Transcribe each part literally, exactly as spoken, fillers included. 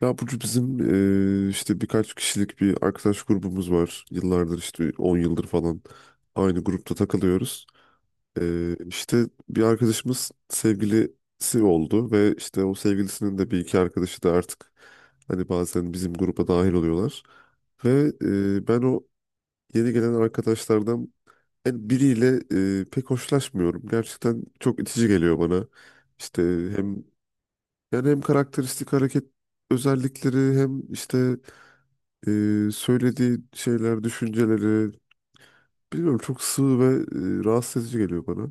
Ya Burcu bizim eee, işte birkaç kişilik bir arkadaş grubumuz var. Yıllardır işte on yıldır falan aynı grupta takılıyoruz. Eee işte bir arkadaşımız sevgilisi oldu ve işte o sevgilisinin de bir iki arkadaşı da artık hani bazen bizim gruba dahil oluyorlar. Ve eee, ben o yeni gelen arkadaşlardan en biriyle eee, pek hoşlaşmıyorum. Gerçekten çok itici geliyor bana. İşte hem yani hem karakteristik hareket özellikleri hem işte e, söylediği şeyler, düşünceleri bilmiyorum çok sığ ve e, rahatsız edici geliyor bana.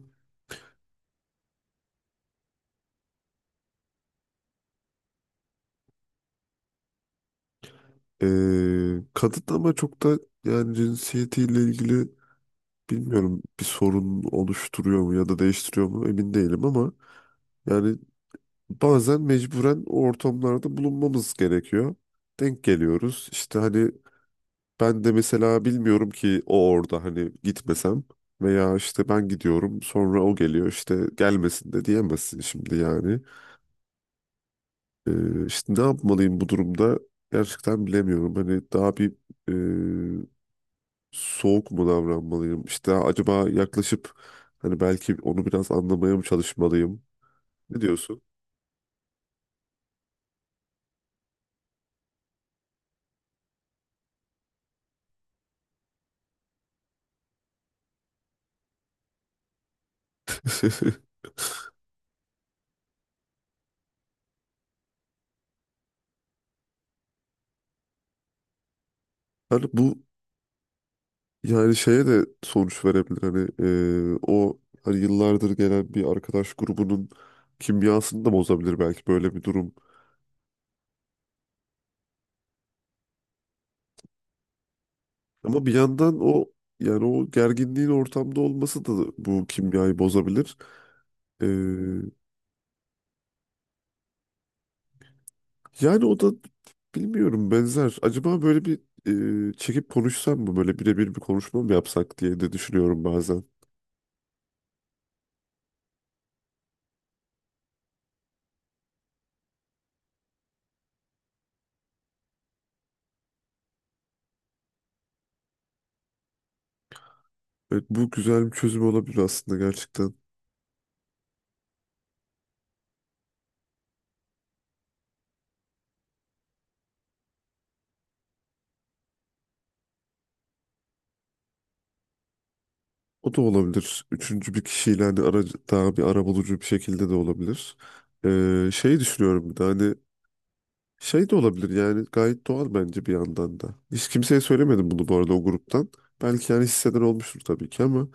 E, kadın ama çok da yani cinsiyetiyle ilgili bilmiyorum bir sorun oluşturuyor mu ya da değiştiriyor mu emin değilim ama yani bazen mecburen o ortamlarda bulunmamız gerekiyor. Denk geliyoruz. İşte hani ben de mesela bilmiyorum ki o orada hani gitmesem veya işte ben gidiyorum sonra o geliyor işte gelmesin de diyemezsin şimdi yani. Ee, işte ne yapmalıyım bu durumda gerçekten bilemiyorum. Hani daha bir e, soğuk mu davranmalıyım? İşte acaba yaklaşıp hani belki onu biraz anlamaya mı çalışmalıyım? Ne diyorsun? Hani bu yani şeye de sonuç verebilir. Hani e, o hani yıllardır gelen bir arkadaş grubunun kimyasını da bozabilir belki böyle bir durum. Ama bir yandan o yani o gerginliğin ortamda olması da bu kimyayı bozabilir. Ee, Yani o da bilmiyorum benzer. Acaba böyle bir e, çekip konuşsam mı? Böyle birebir bir konuşma mı yapsak diye de düşünüyorum bazen. Evet, bu güzel bir çözüm olabilir aslında gerçekten. O da olabilir. Üçüncü bir kişiyle hani aracı, daha bir arabulucu bir şekilde de olabilir. Ee, şey düşünüyorum bir de hani şey de olabilir yani gayet doğal bence bir yandan da. Hiç kimseye söylemedim bunu bu arada o gruptan. Belki yani hisseden olmuştur tabii ki ama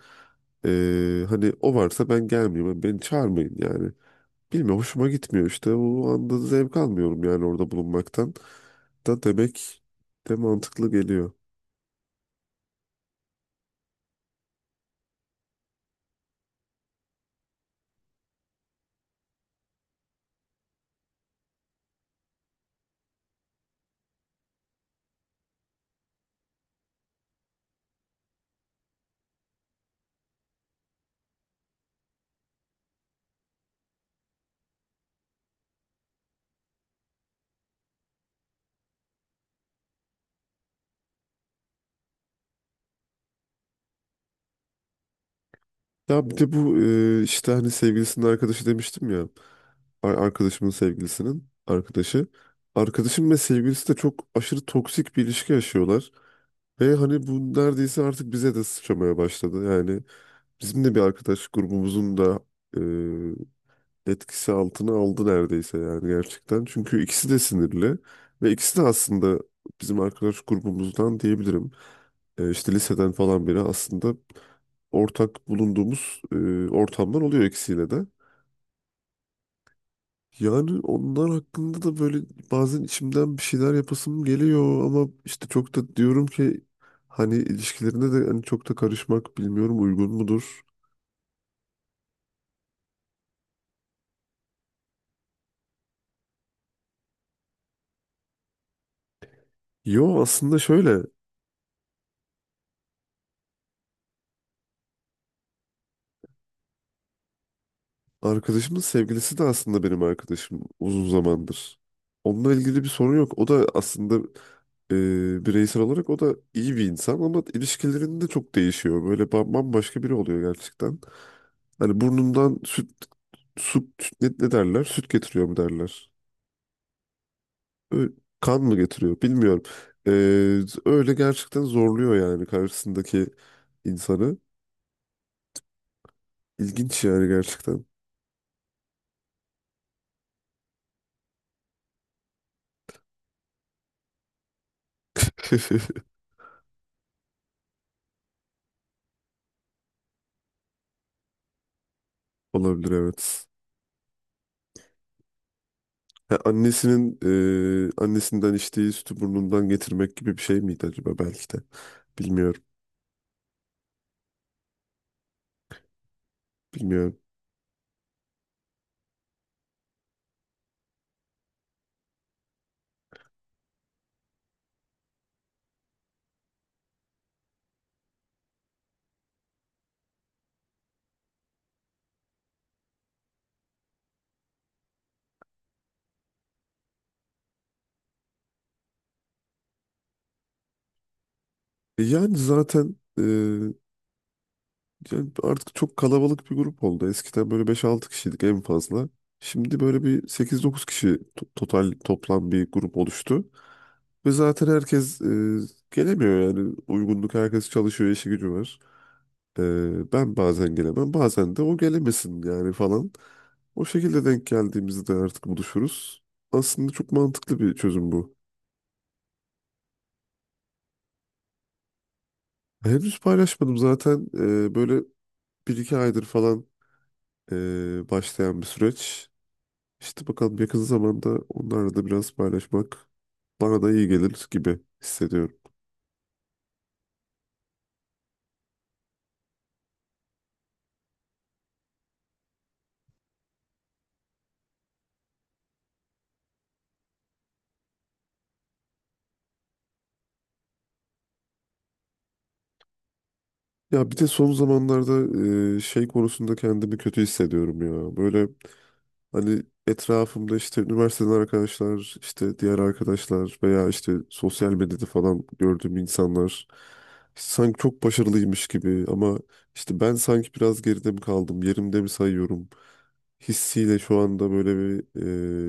ee, hani o varsa ben gelmeyeyim, hani beni çağırmayın yani. Bilmiyorum hoşuma gitmiyor işte. O anda zevk almıyorum yani orada bulunmaktan. Da demek de mantıklı geliyor. Ya bir de bu e, işte hani sevgilisinin arkadaşı demiştim ya. Ar- Arkadaşımın sevgilisinin arkadaşı. Arkadaşım ve sevgilisi de çok aşırı toksik bir ilişki yaşıyorlar. Ve hani bu neredeyse artık bize de sıçramaya başladı. Yani bizim de bir arkadaş grubumuzun da e, etkisi altına aldı neredeyse yani gerçekten. Çünkü ikisi de sinirli ve ikisi de aslında bizim arkadaş grubumuzdan diyebilirim. E, işte liseden falan beri aslında ortak bulunduğumuz e, ortamlar oluyor ikisiyle de. Yani onlar hakkında da böyle bazen içimden bir şeyler yapasım geliyor ama işte çok da diyorum ki hani ilişkilerine de hani çok da karışmak bilmiyorum uygun mudur? Yo, aslında şöyle. Arkadaşımın sevgilisi de aslında benim arkadaşım uzun zamandır. Onunla ilgili bir sorun yok. O da aslında e, bireysel olarak o da iyi bir insan ama ilişkilerinde çok değişiyor. Böyle ba- bambaşka biri oluyor gerçekten. Hani burnundan süt, su, süt- ne, ne derler? Süt getiriyor mu derler? Ö- Kan mı getiriyor? Bilmiyorum. E, Öyle gerçekten zorluyor yani karşısındaki insanı. İlginç yani gerçekten. Olabilir evet. Ha, annesinin eee, annesinden içtiği sütü burnundan getirmek gibi bir şey miydi acaba belki de. Bilmiyorum. Bilmiyorum. E yani zaten eee, yani artık çok kalabalık bir grup oldu. Eskiden böyle beş altı kişiydik en fazla. Şimdi böyle bir sekiz dokuz kişi to- total toplam bir grup oluştu. Ve zaten herkes eee, gelemiyor yani. Uygunluk herkes çalışıyor, işi gücü var. Ee, ben bazen gelemem, bazen de o gelemesin yani falan. O şekilde denk geldiğimizde artık buluşuruz. Aslında çok mantıklı bir çözüm bu. Henüz paylaşmadım zaten e, böyle bir iki aydır falan e, başlayan bir süreç. İşte bakalım yakın zamanda onlarla da biraz paylaşmak bana da iyi gelir gibi hissediyorum. Ya bir de son zamanlarda e, şey konusunda kendimi kötü hissediyorum ya. Böyle hani etrafımda işte üniversiteden arkadaşlar, işte diğer arkadaşlar veya işte sosyal medyada falan gördüğüm insanlar sanki çok başarılıymış gibi ama işte ben sanki biraz geride mi kaldım, yerimde mi sayıyorum hissiyle şu anda böyle bir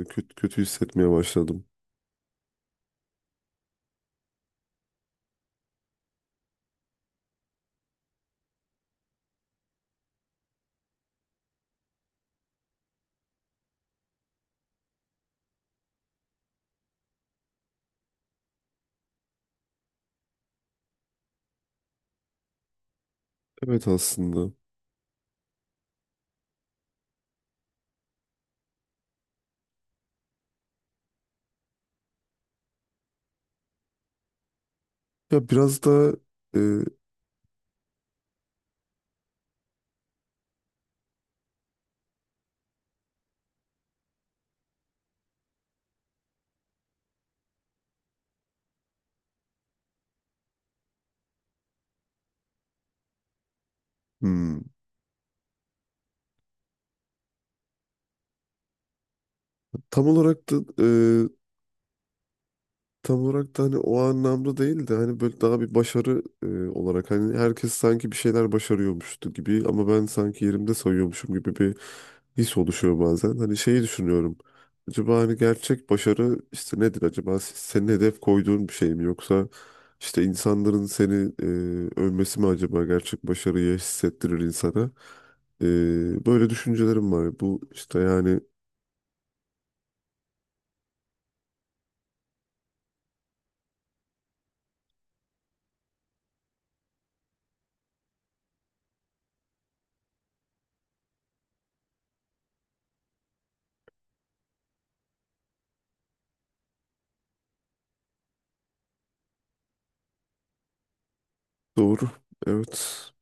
e, kötü, kötü hissetmeye başladım. Evet aslında. Ya biraz da e, hmm, tam olarak da tam olarak da hani o anlamda değil de hani böyle daha bir başarı e, olarak hani herkes sanki bir şeyler başarıyormuştu gibi ama ben sanki yerimde sayıyormuşum gibi bir his oluşuyor bazen. Hani şeyi düşünüyorum. Acaba hani gerçek başarı işte nedir acaba senin hedef koyduğun bir şey mi yoksa işte insanların seni e, övmesi mi acaba gerçek başarıyı hissettirir insana? E, böyle düşüncelerim var. Bu işte yani doğru. Evet.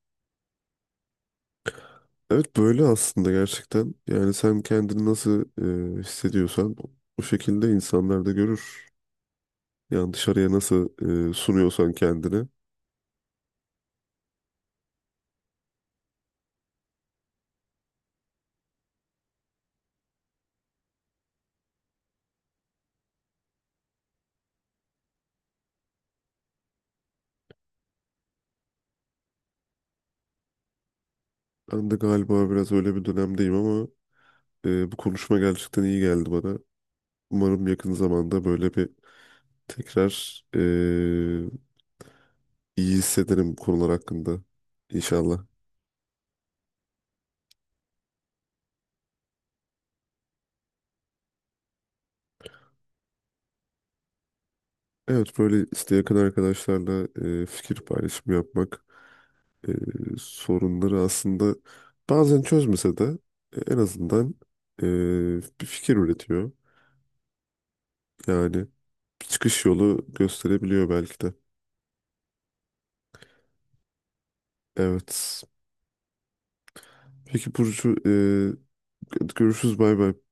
Evet böyle aslında gerçekten. Yani sen kendini nasıl e, hissediyorsan o şekilde insanlar da görür. Yani dışarıya nasıl e, sunuyorsan kendini. Ben de galiba biraz öyle bir dönemdeyim ama e, bu konuşma gerçekten iyi geldi bana. Umarım yakın zamanda böyle bir tekrar e, iyi hissederim bu konular hakkında. İnşallah. Evet böyle işte yakın arkadaşlarla e, fikir paylaşımı yapmak e, sorunları aslında bazen çözmese de e, en azından e, bir fikir üretiyor. Yani bir çıkış yolu gösterebiliyor belki de. Evet. Peki Burcu, e, görüşürüz bay bay.